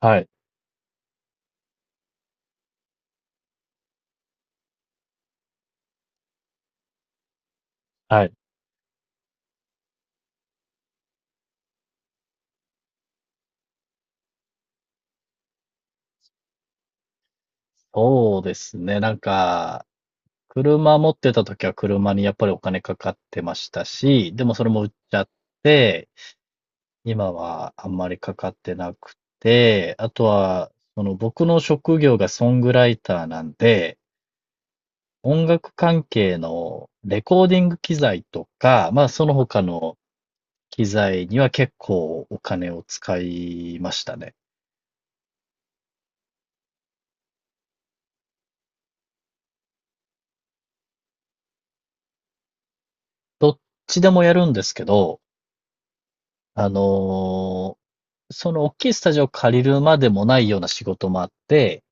はい、はい。そうですね。なんか、車持ってた時は車にやっぱりお金かかってましたし、でもそれも売っちゃって、今はあんまりかかってなくて、あとは、その僕の職業がソングライターなんで、音楽関係のレコーディング機材とか、まあその他の機材には結構お金を使いましたね。どっちでもやるんですけど、あのその大きいスタジオを借りるまでもないような仕事もあって、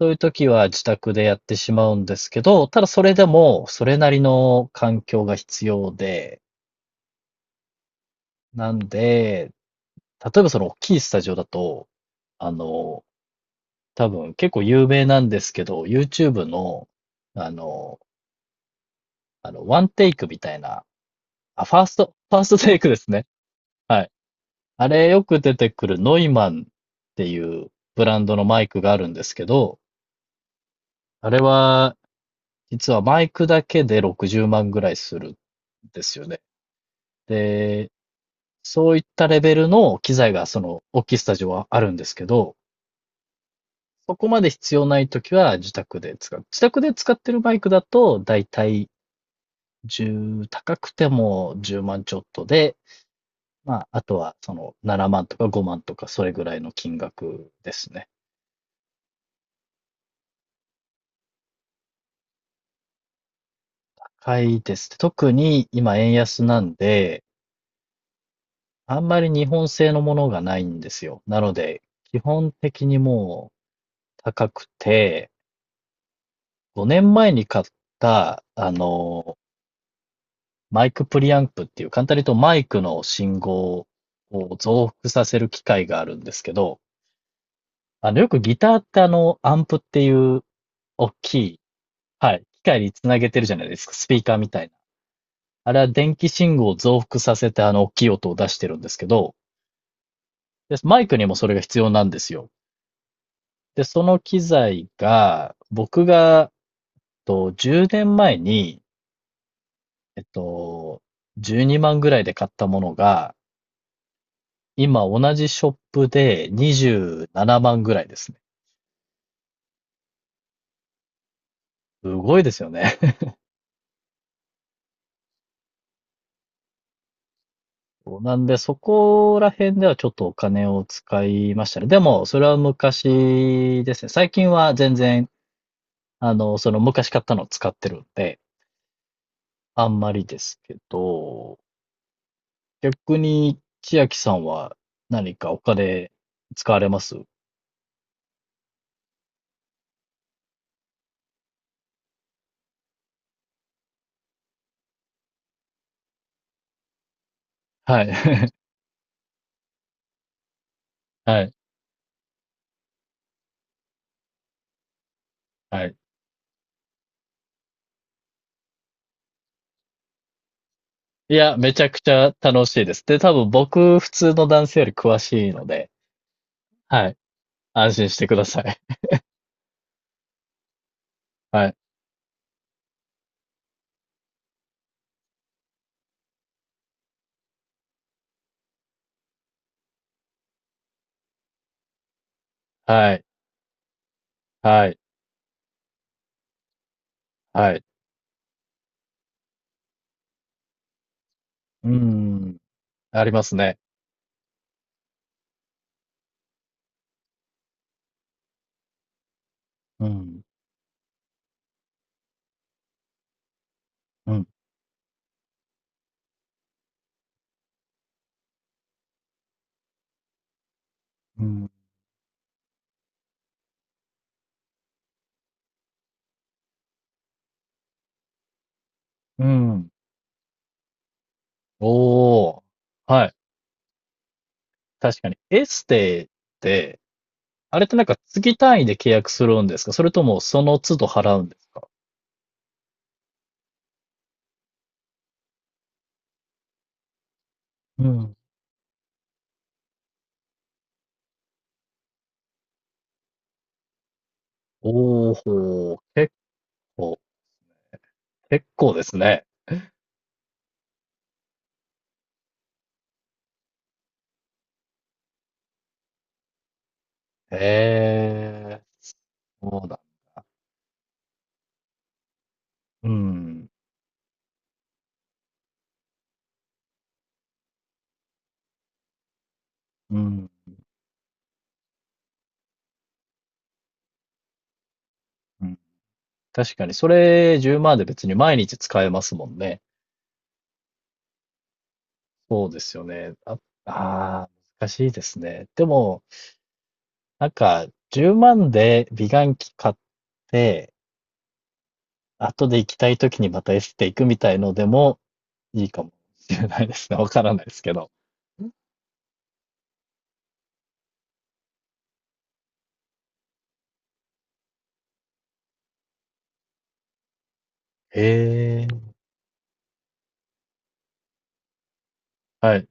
そういう時は自宅でやってしまうんですけど、ただそれでもそれなりの環境が必要で、なんで、例えばその大きいスタジオだと、あの、多分結構有名なんですけど、YouTube の、あの、ワンテイクみたいな、あ、ファーストテイクですね。はい。あれよく出てくるノイマンっていうブランドのマイクがあるんですけど、あれは実はマイクだけで60万ぐらいするんですよね。で、そういったレベルの機材がその大きいスタジオはあるんですけど、そこまで必要ないときは自宅で使う。自宅で使ってるマイクだと、だいたい1高くても10万ちょっとで、まあ、あとはその7万とか5万とかそれぐらいの金額ですね。高いです。特に今円安なんで、あんまり日本製のものがないんですよ。なので、基本的にもう高くて、5年前に買った、マイクプリアンプっていう、簡単に言うとマイクの信号を増幅させる機械があるんですけど、よくギターってアンプっていう大きい、はい、機械につなげてるじゃないですか、スピーカーみたいな。あれは電気信号を増幅させて大きい音を出してるんですけど、でマイクにもそれが必要なんですよ。で、その機材が、僕が、10年前に、えっと、12万ぐらいで買ったものが、今同じショップで27万ぐらいですね。すごいですよね。そうなんで、そこら辺ではちょっとお金を使いましたね。でも、それは昔ですね。最近は全然、その昔買ったのを使ってるんで、あんまりですけど、逆に千秋さんは何かお金使われます？はい。はい。はい。いや、めちゃくちゃ楽しいです。で、多分僕、普通の男性より詳しいので、はい。安心してください。はい。はい。はい。はい。うん。ありますね。うん。うん。うん。うん。おお。はい。確かに。エステって、あれってなんか月単位で契約するんですか？それともその都度払うんですか？うん。おお、構、結構ですね。ええ、そうだ。うん、うん、うん。確かに、それ10万で別に毎日使えますもんね。そうですよね。あ、あ難しいですね。でも、なんか、10万で美顔器買って、後で行きたい時にまたエステ行くみたいのでもいいかもしれないですね。わからないですけど。へえ、はい。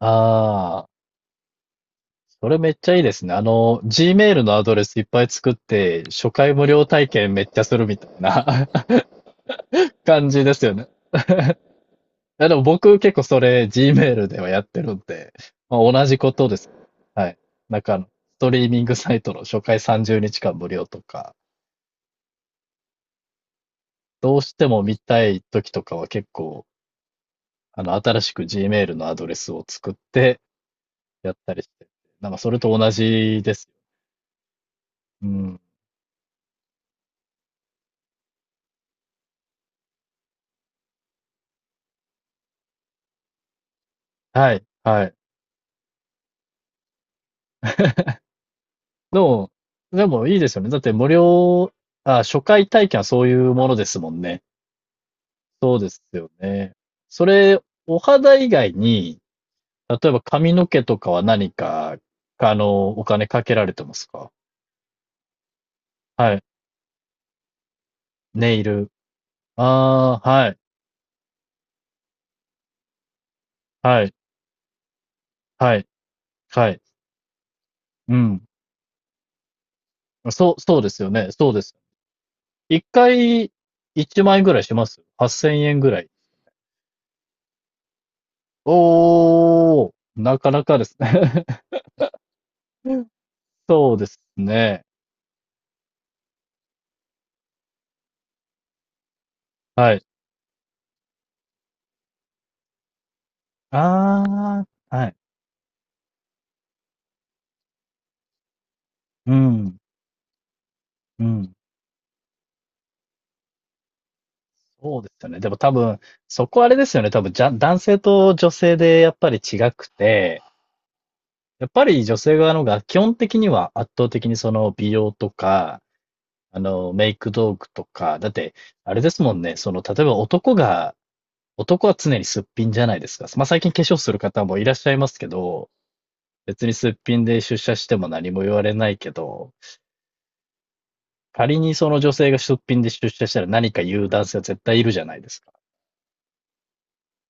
ああ。それめっちゃいいですね。Gmail のアドレスいっぱい作って、初回無料体験めっちゃするみたいな 感じですよね。いやでも僕結構それ Gmail ではやってるんで、まあ、同じことです。はい。なんかストリーミングサイトの初回30日間無料とか、どうしても見たい時とかは結構、新しく Gmail のアドレスを作ってやったりして、なんかそれと同じです。うん。はい。はい。の、でもいいですよね。だって無料、あ、初回体験はそういうものですもんね。そうですよね。それ、お肌以外に、例えば髪の毛とかは何か、お金かけられてますか？はい。ネイル。ああ、はい。はい。はい。はい。うん。そうですよね。そうです。1回1万円ぐらいします？8000円ぐらい。おお、なかなかですね。そうですね。はい。ああ、はい。うん、うん。そうですよね。でも多分、そこあれですよね。多分、じゃ、男性と女性でやっぱり違くて、やっぱり女性側の方が基本的には圧倒的にその美容とか、メイク道具とか、だって、あれですもんね。その、例えば男は常にすっぴんじゃないですか。まあ、最近化粧する方もいらっしゃいますけど、別にすっぴんで出社しても何も言われないけど、仮にその女性が出品で出社したら何か言う男性は絶対いるじゃないですか。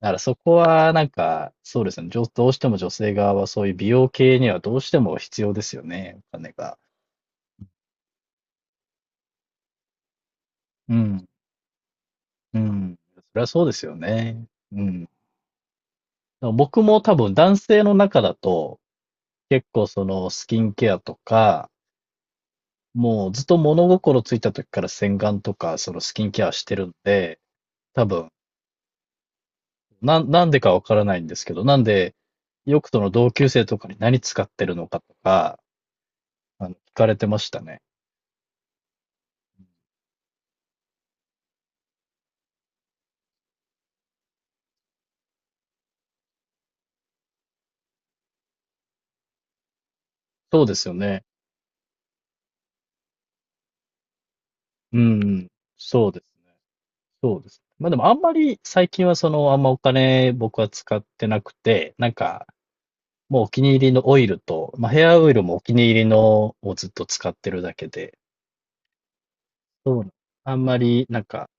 だからそこはなんか、そうですね。どうしても女性側はそういう美容系にはどうしても必要ですよね、お金が。うん。うん。それはそうですよね。うん。だから僕も多分男性の中だと、結構そのスキンケアとか、もうずっと物心ついた時から洗顔とかそのスキンケアしてるんで、多分なんでかわからないんですけど、なんで、ヨクトの同級生とかに何使ってるのかとか、聞かれてましたね。そうですよね。うん、そうですね。そうです。まあでもあんまり最近はあんまお金僕は使ってなくて、なんか、もうお気に入りのオイルと、まあヘアオイルもお気に入りのをずっと使ってるだけで、そう、あんまりなんか、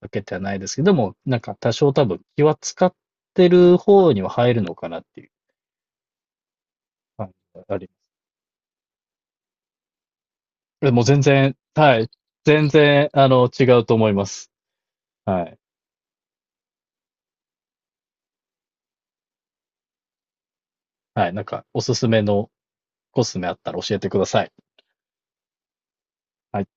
かけてはないですけど、でも、なんか多少多分気は使ってる方には入るのかなっていう感じがありえもう全然、はい。全然、違うと思います。はい。はい。なんか、おすすめのコスメあったら教えてください。はい。